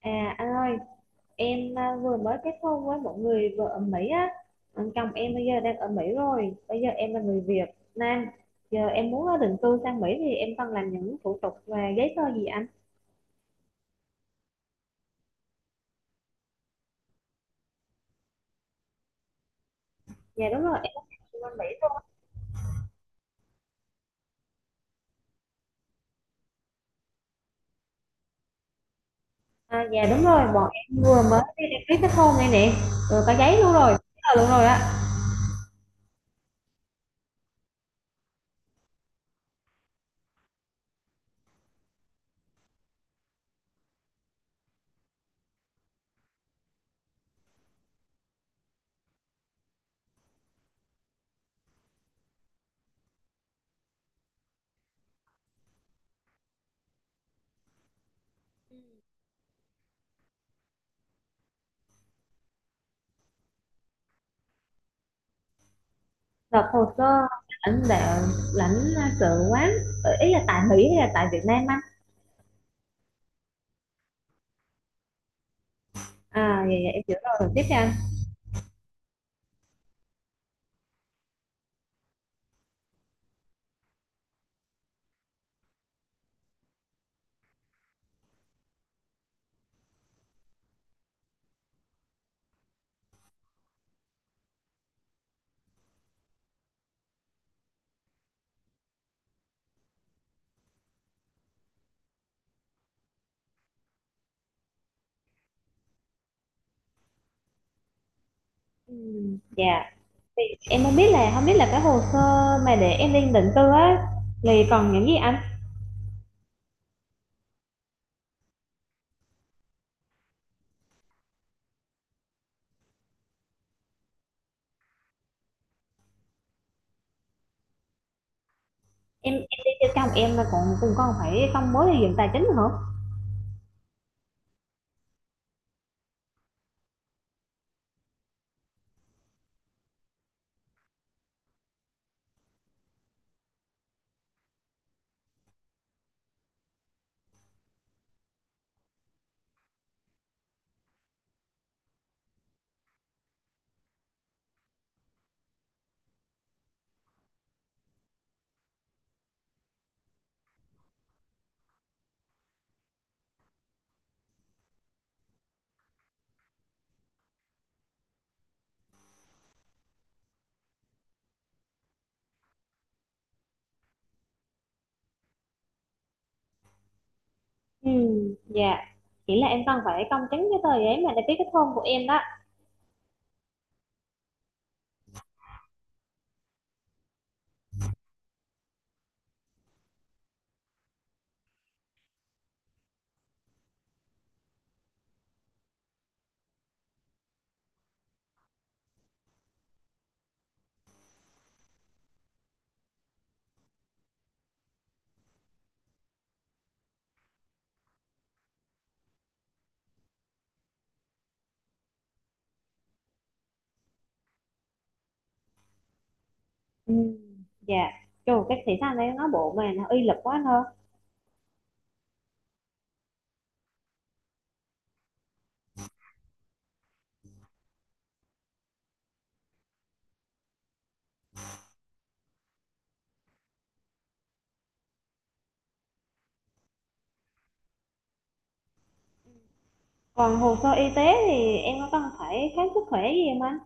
Anh ơi, vừa mới kết hôn với một người vợ ở Mỹ. Anh chồng em bây giờ đang ở Mỹ rồi, bây giờ em là người Việt Nam, giờ em muốn định cư sang Mỹ thì em cần làm những thủ tục và giấy tờ gì anh? Dạ đúng rồi, em có sang định cư bên Mỹ luôn. À, dạ đúng rồi, bọn em vừa mới đi đăng ký kết hôn đây nè, rồi có giấy luôn rồi, giấy tờ luôn rồi á, nộp hồ sơ lãnh đạo lãnh sự quán. Ý là tại Mỹ hay là tại Việt Nam anh? À dạ, dạ em hiểu rồi, rồi tiếp cho anh. Ừ, dạ. Thì em không biết là cái hồ sơ mà để em lên định cư á thì còn những gì anh? Em đi theo chồng em mà còn cùng con phải công bố điều kiện tài chính hả? Ừ, dạ. Chỉ là em cần phải công chứng cái tờ giấy mà để ký kết hôn của em đó. Ừ, dạ. Trời, cái thị xã này nó bộ mà nó uy lực quá thôi. Còn hồ sơ y tế thì em có cần phải khám sức khỏe gì không anh?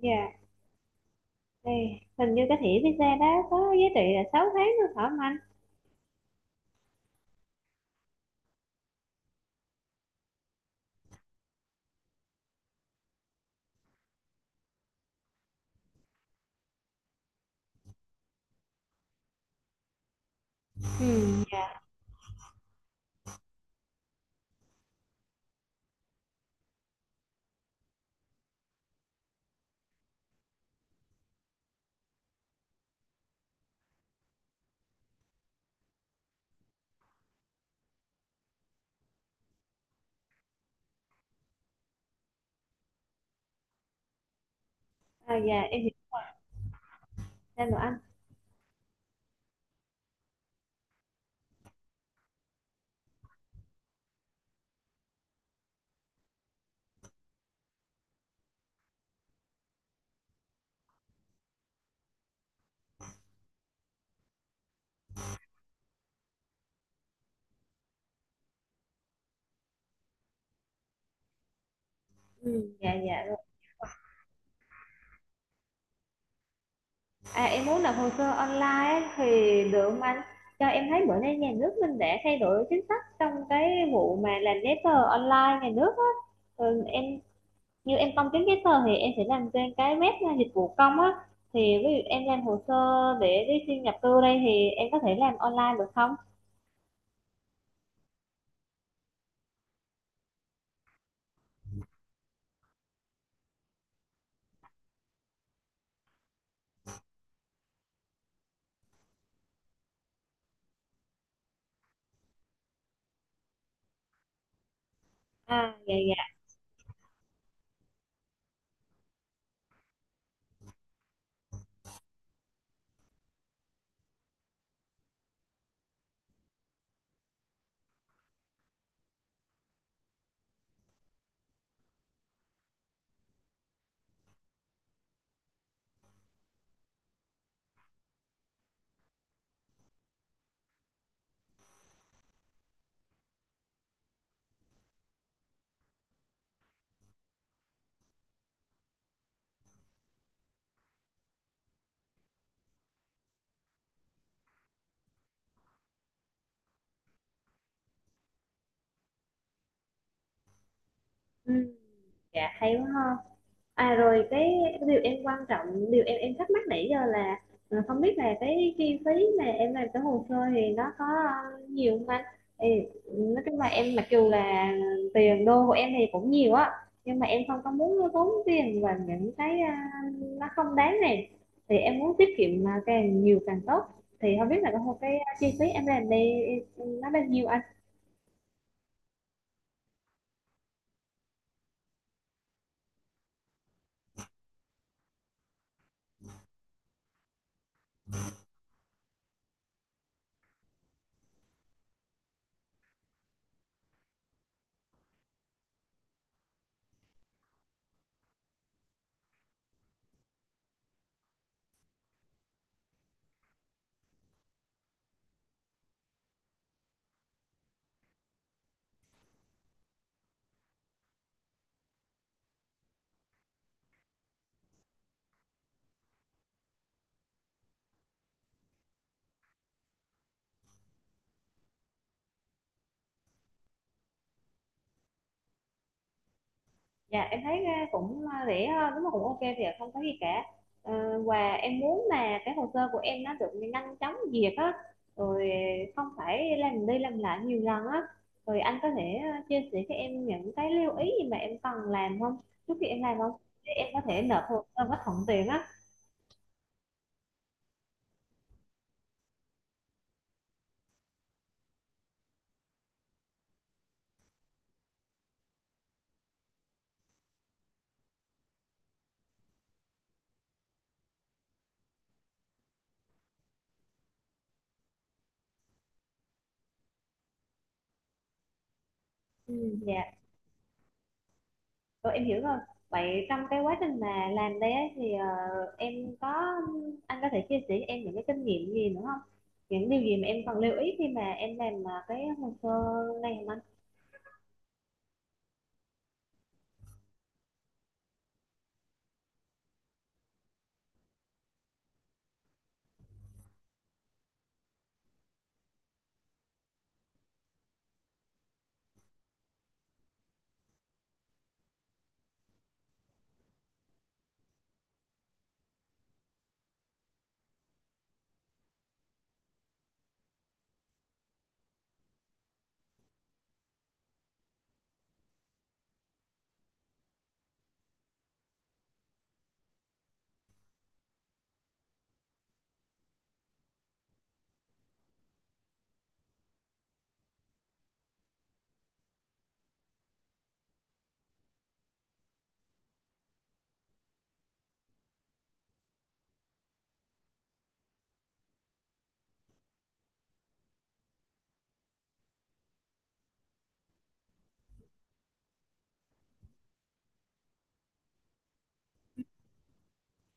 Dạ, thì hình như cái thẻ visa đó có giá trị là 6 tháng nữa phải không anh? Ừ, dạ. À, dạ em hiểu ra rồi anh. Ừ, dạ dạ. À, em muốn nộp hồ sơ online ấy, thì được không anh? Cho em thấy bữa nay nhà nước mình đã thay đổi chính sách trong cái vụ mà làm giấy tờ online nhà nước á. Ừ, em như em công chứng giấy tờ thì em sẽ làm trên cái web là dịch vụ công á. Thì ví dụ em làm hồ sơ để đi xin nhập cư đây thì em có thể làm online được không? À, dạ dạ. Ừ, dạ hay quá ha. À rồi cái điều em quan trọng, điều em thắc mắc nãy giờ là không biết là cái chi phí mà em làm cái hồ sơ thì nó có nhiều không anh? Thì nói chung là em mặc dù là tiền đô của em thì cũng nhiều á, nhưng mà em không có muốn tốn tiền vào những cái nó không đáng này, thì em muốn tiết kiệm mà càng nhiều càng tốt, thì không biết là cái chi phí em làm đây nó bao nhiêu anh? Dạ em thấy cũng rẻ hơn, đúng là cũng ok thì không có gì cả. Ờ, và em muốn là cái hồ sơ của em nó được nhanh chóng duyệt á, rồi không phải làm đi làm lại nhiều lần á, rồi anh có thể chia sẻ cho em những cái lưu ý gì mà em cần làm không, trước khi em làm không, để em có thể nộp hồ sơ nó thuận tiện á? Ừ, dạ. Ừ, em hiểu rồi. Vậy trong cái quá trình mà làm đây ấy, thì ờ, em có anh có thể chia sẻ cho em những cái kinh nghiệm gì nữa không? Những điều gì mà em cần lưu ý khi mà em làm cái hồ sơ này không anh?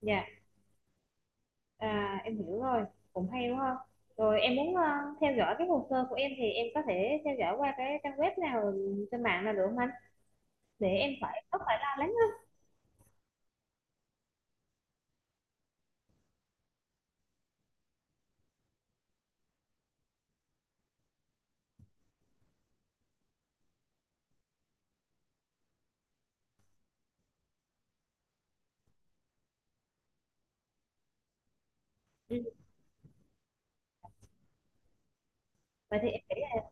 Dạ, à, em hiểu rồi. Cũng hay đúng không? Rồi em muốn theo dõi cái hồ sơ của em thì em có thể theo dõi qua cái trang web nào trên mạng nào được không anh? Để em phải không phải lo lắng hết. Ừ. Vậy thì em nghĩ là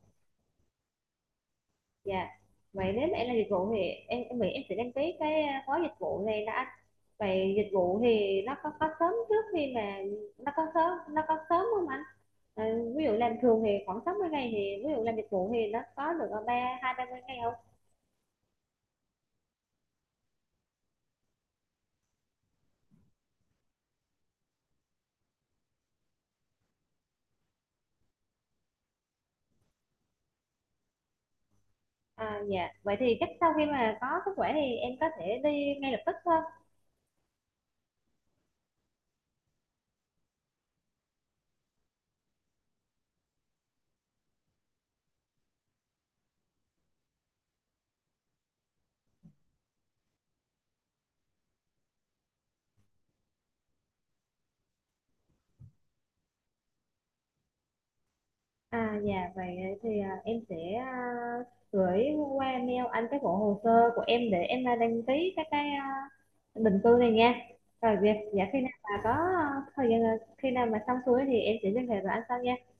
dạ. Vậy nếu mà em làm dịch vụ thì em nghĩ em sẽ đăng ký cái gói dịch vụ này đó anh. Vậy dịch vụ thì nó có sớm trước khi mà nó có sớm không anh? Ờ, ví dụ làm thường thì khoảng 60 ngày thì ví dụ làm dịch vụ thì nó có được ở 2 3 mươi ngày không? À dạ vậy thì chắc sau khi mà có sức khỏe thì em có thể đi ngay lập tức thôi. À dạ vậy thì em sẽ gửi qua mail anh cái bộ hồ sơ của em để em đăng ký các cái định cư này nha. Rồi việc dạ khi nào mà có thời gian khi nào mà xong xuôi thì em sẽ liên hệ với anh sau nha.